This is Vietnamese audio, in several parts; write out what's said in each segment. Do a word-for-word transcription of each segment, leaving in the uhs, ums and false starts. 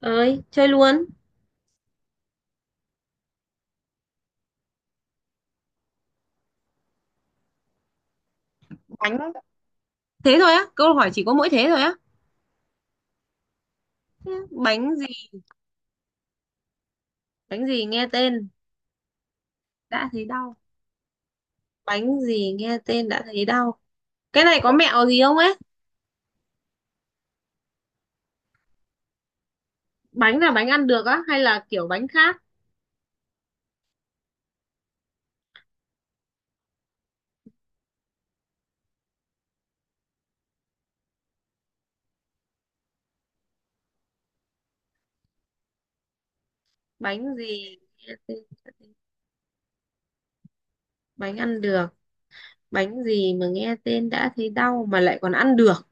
Ơi, chơi luôn. Bánh đó. Thế thôi á? Câu hỏi chỉ có mỗi thế thôi á? Thế bánh gì? Bánh gì nghe tên đã thấy đau? Bánh gì nghe tên đã thấy đau? Cái này có mẹo gì không ấy? Bánh là bánh ăn được á hay là kiểu bánh khác? Bánh gì nghe tên? Bánh ăn được. Bánh gì mà nghe tên đã thấy đau mà lại còn ăn được?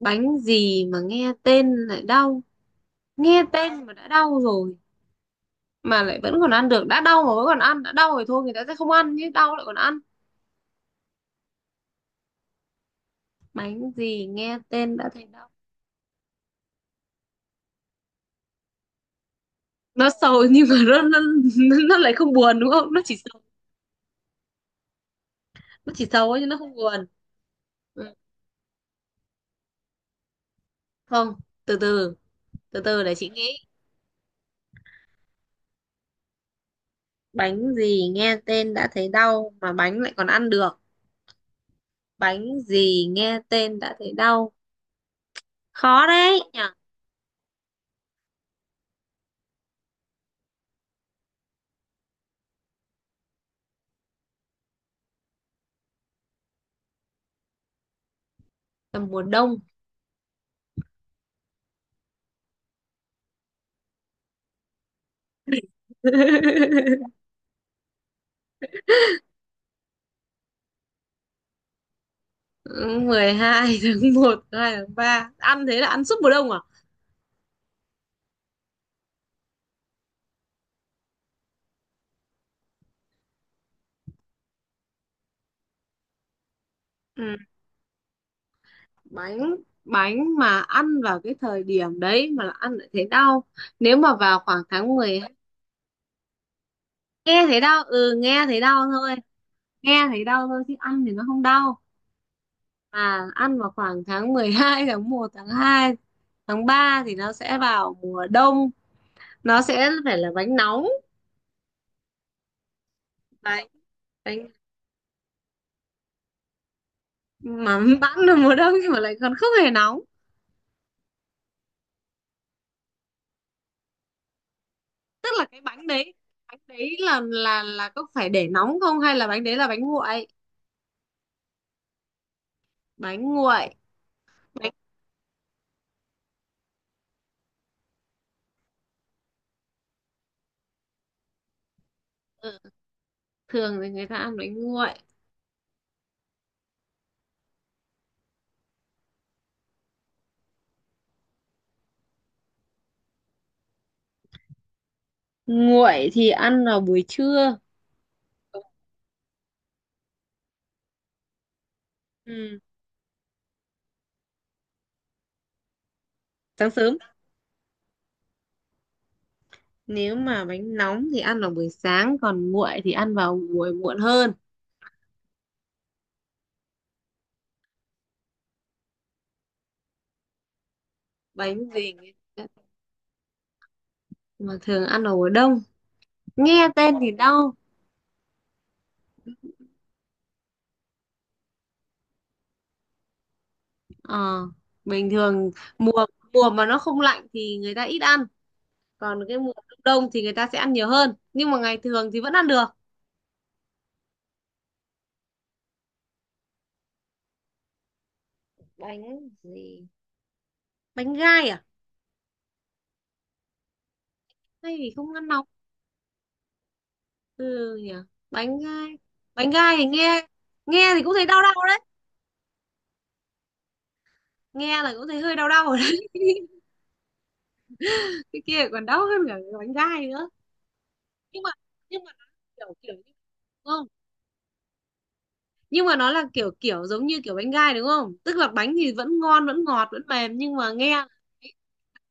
Bánh gì mà nghe tên lại đau? Nghe tên mà đã đau rồi mà lại vẫn còn ăn được? Đã đau mà vẫn còn ăn? Đã đau rồi thôi người ta sẽ không ăn chứ, đau lại còn ăn? Bánh gì nghe tên đã thấy đau? Nó sầu nhưng mà nó nó nó nó lại không buồn đúng không, nó chỉ sầu. Nó chỉ sầu ấy, nhưng nó không buồn. Ừ. Không. Từ từ từ từ để chị nghĩ. Bánh gì nghe tên đã thấy đau mà bánh lại còn ăn được? Bánh gì nghe tên đã thấy đau? Khó đấy nhỉ. Là mùa đông. Mười hai, tháng một, hai, tháng ba ăn, thế là ăn suốt mùa đông à? Ừ. Bánh. Bánh mà ăn vào cái thời điểm đấy mà là ăn lại thấy đau? Nếu mà vào khoảng tháng mười hai. Nghe thấy đau, ừ, nghe thấy đau thôi. Nghe thấy đau thôi chứ ăn thì nó không đau. À, ăn vào khoảng tháng mười hai, tháng một, tháng hai, tháng ba thì nó sẽ vào mùa đông. Nó sẽ phải là bánh nóng. Bánh. Bánh mà bẵng là mùa đông nhưng mà lại còn không hề nóng. Tức là cái bánh đấy, bánh đấy là là là có phải để nóng không hay là bánh đấy là bánh nguội? Bánh nguội. Bánh. Ừ, thường thì người ta ăn bánh nguội. Nguội thì ăn vào buổi trưa. Ừ. Sáng sớm. Nếu mà bánh nóng thì ăn vào buổi sáng, còn nguội thì ăn vào buổi muộn hơn. Bánh gì? Mà thường ăn vào mùa đông. Nghe tên thì đau. Ờ, bình thường. Mùa mùa mà nó không lạnh thì người ta ít ăn, còn cái mùa đông đông thì người ta sẽ ăn nhiều hơn. Nhưng mà ngày thường thì vẫn ăn được. Bánh gì? Bánh gai à? Hay vì không ăn nóng? Ừ nhỉ. Bánh gai. Bánh gai thì nghe, nghe thì cũng thấy đau đau đấy. Nghe là cũng thấy hơi đau đau rồi đấy. Cái kia còn đau hơn cả cái bánh gai nữa. Nhưng mà, nhưng mà nó kiểu, kiểu như, đúng không? Nhưng mà nó là kiểu kiểu giống như kiểu bánh gai đúng không, tức là bánh thì vẫn ngon vẫn ngọt vẫn mềm nhưng mà nghe là thấy,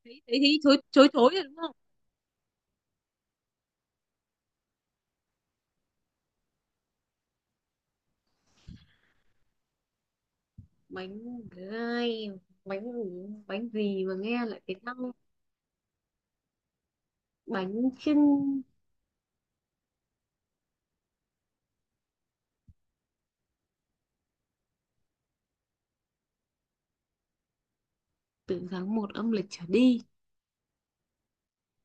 thấy thấy thấy chối, chối chối rồi đúng không? Bánh gai. Bánh. Bánh gì mà nghe lại cái năng? Bánh chưng. Từ tháng một âm lịch trở đi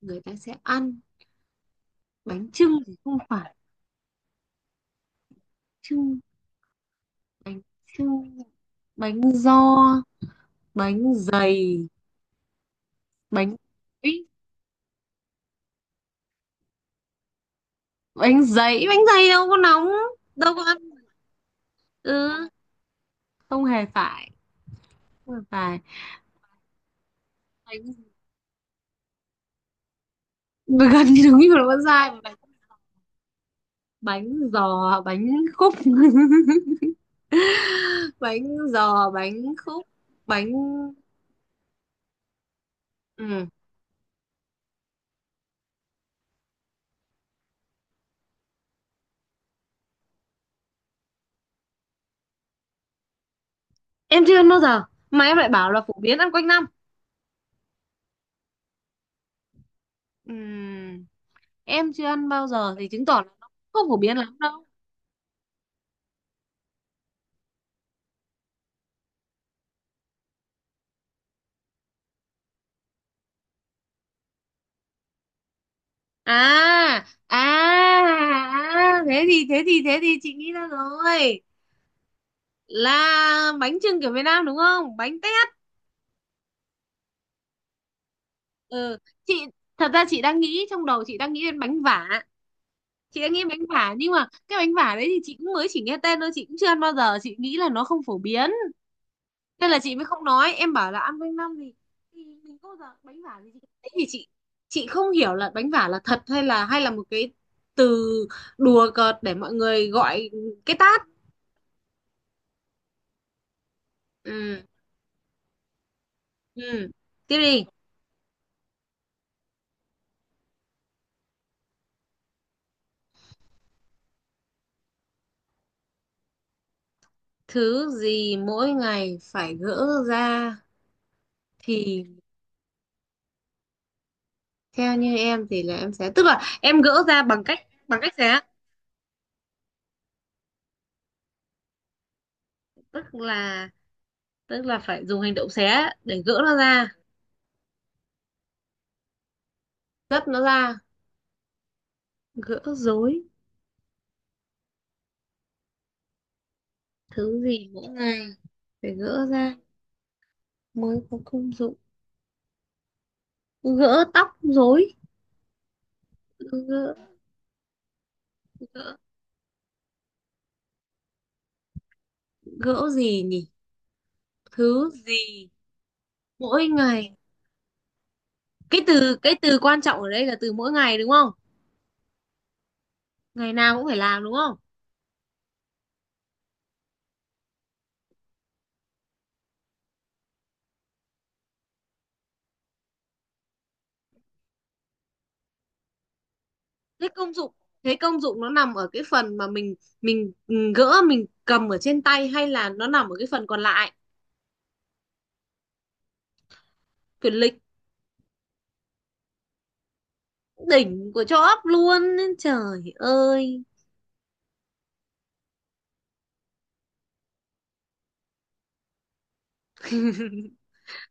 người ta sẽ ăn. Bánh chưng thì không phải. Chưng. Bánh chưng. Bánh giò. Bánh dày. Bánh. Ấy, bánh giấy bánh dày đâu có nóng, đâu có ăn. Ừ, không hề phải. Không hề phải. Bánh. Gần như đúng như là con dai bánh. Bánh giò bánh khúc. Bánh giò bánh khúc. Bánh. Ừ. Em chưa ăn bao giờ mà em lại bảo là phổ biến ăn quanh năm? Ừm, em chưa ăn bao giờ thì chứng tỏ là nó không phổ biến lắm đâu. À à à, thế thì thế thì thế thì chị nghĩ ra rồi. Là bánh chưng kiểu Việt Nam đúng không, bánh tét? Ừ. Chị, thật ra chị đang nghĩ, trong đầu chị đang nghĩ đến bánh vả. Chị đã nghĩ bánh vả nhưng mà cái bánh vả đấy thì chị cũng mới chỉ nghe tên thôi, chị cũng chưa ăn bao giờ, chị nghĩ là nó không phổ biến nên là chị mới không nói. Em bảo là ăn quanh năm thì thì mình có bao giờ bánh vả gì chị đấy thì chị chị không hiểu là bánh vả là thật hay là, hay là một cái từ đùa cợt để mọi người gọi cái tát. Ừ. Ừ, tiếp đi. Thứ gì mỗi ngày phải gỡ ra thì, theo như em thì là em sẽ, tức là em gỡ ra bằng cách, bằng cách xé. Tức là, tức là phải dùng hành động xé để gỡ nó ra, gấp nó ra, gỡ rối. Thứ gì mỗi ngày phải gỡ ra mới có công dụng? Gỡ tóc rối. Gỡ. Gỡ gỡ gì nhỉ? Thứ gì mỗi ngày? Cái từ, cái từ quan trọng ở đây là từ mỗi ngày đúng không? Ngày nào cũng phải làm đúng không? Thế công dụng, thế công dụng nó nằm ở cái phần mà mình mình ừ, gỡ mình cầm ở trên tay hay là nó nằm ở cái phần còn lại? Quyền lực. Đỉnh của cho ấp luôn. Trời ơi.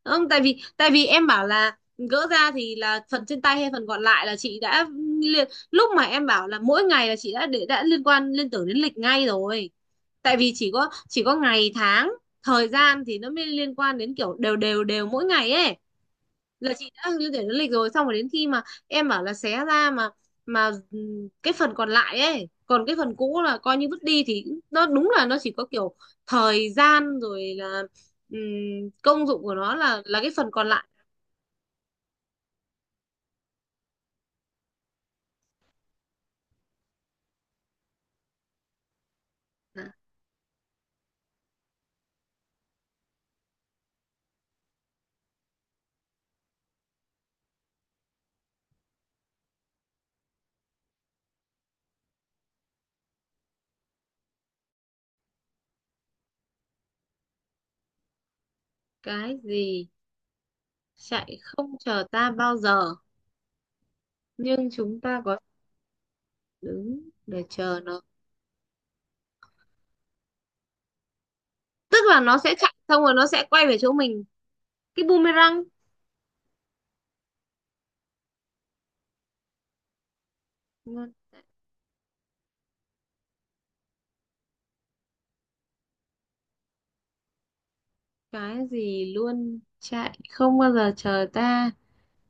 Không, tại vì, tại vì em bảo là gỡ ra thì là phần trên tay hay phần còn lại là chị đã liên, lúc mà em bảo là mỗi ngày là chị đã để đã liên quan liên tưởng đến lịch ngay rồi. Tại vì chỉ có chỉ có ngày tháng, thời gian thì nó mới liên quan đến kiểu đều đều đều mỗi ngày ấy, là chị đã liên tưởng đến lịch rồi, xong rồi đến khi mà em bảo là xé ra mà mà ừm, cái phần còn lại ấy còn cái phần cũ là coi như vứt đi thì nó đúng là nó chỉ có kiểu thời gian rồi, là Ừm, công dụng của nó là là cái phần còn lại. Hả? Cái gì chạy không chờ ta bao giờ nhưng chúng ta có thể đứng để chờ nó? Tức là nó sẽ chạy xong rồi nó sẽ quay về chỗ mình, cái boomerang? Cái gì luôn chạy không bao giờ chờ ta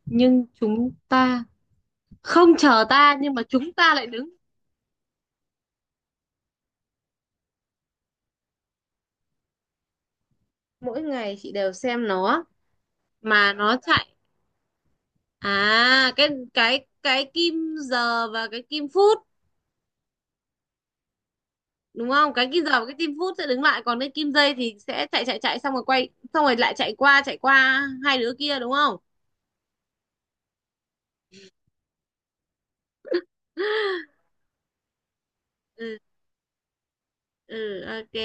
nhưng chúng ta, không chờ ta nhưng mà chúng ta lại đứng, mỗi ngày chị đều xem nó mà nó chạy? À, cái cái cái kim giờ và cái kim phút, đúng không? Cái kim giờ và cái kim phút sẽ đứng lại còn cái kim dây thì sẽ chạy chạy chạy xong rồi quay xong rồi lại chạy qua, chạy qua hai đứa kia đúng không? Ừ. Ừ, ok.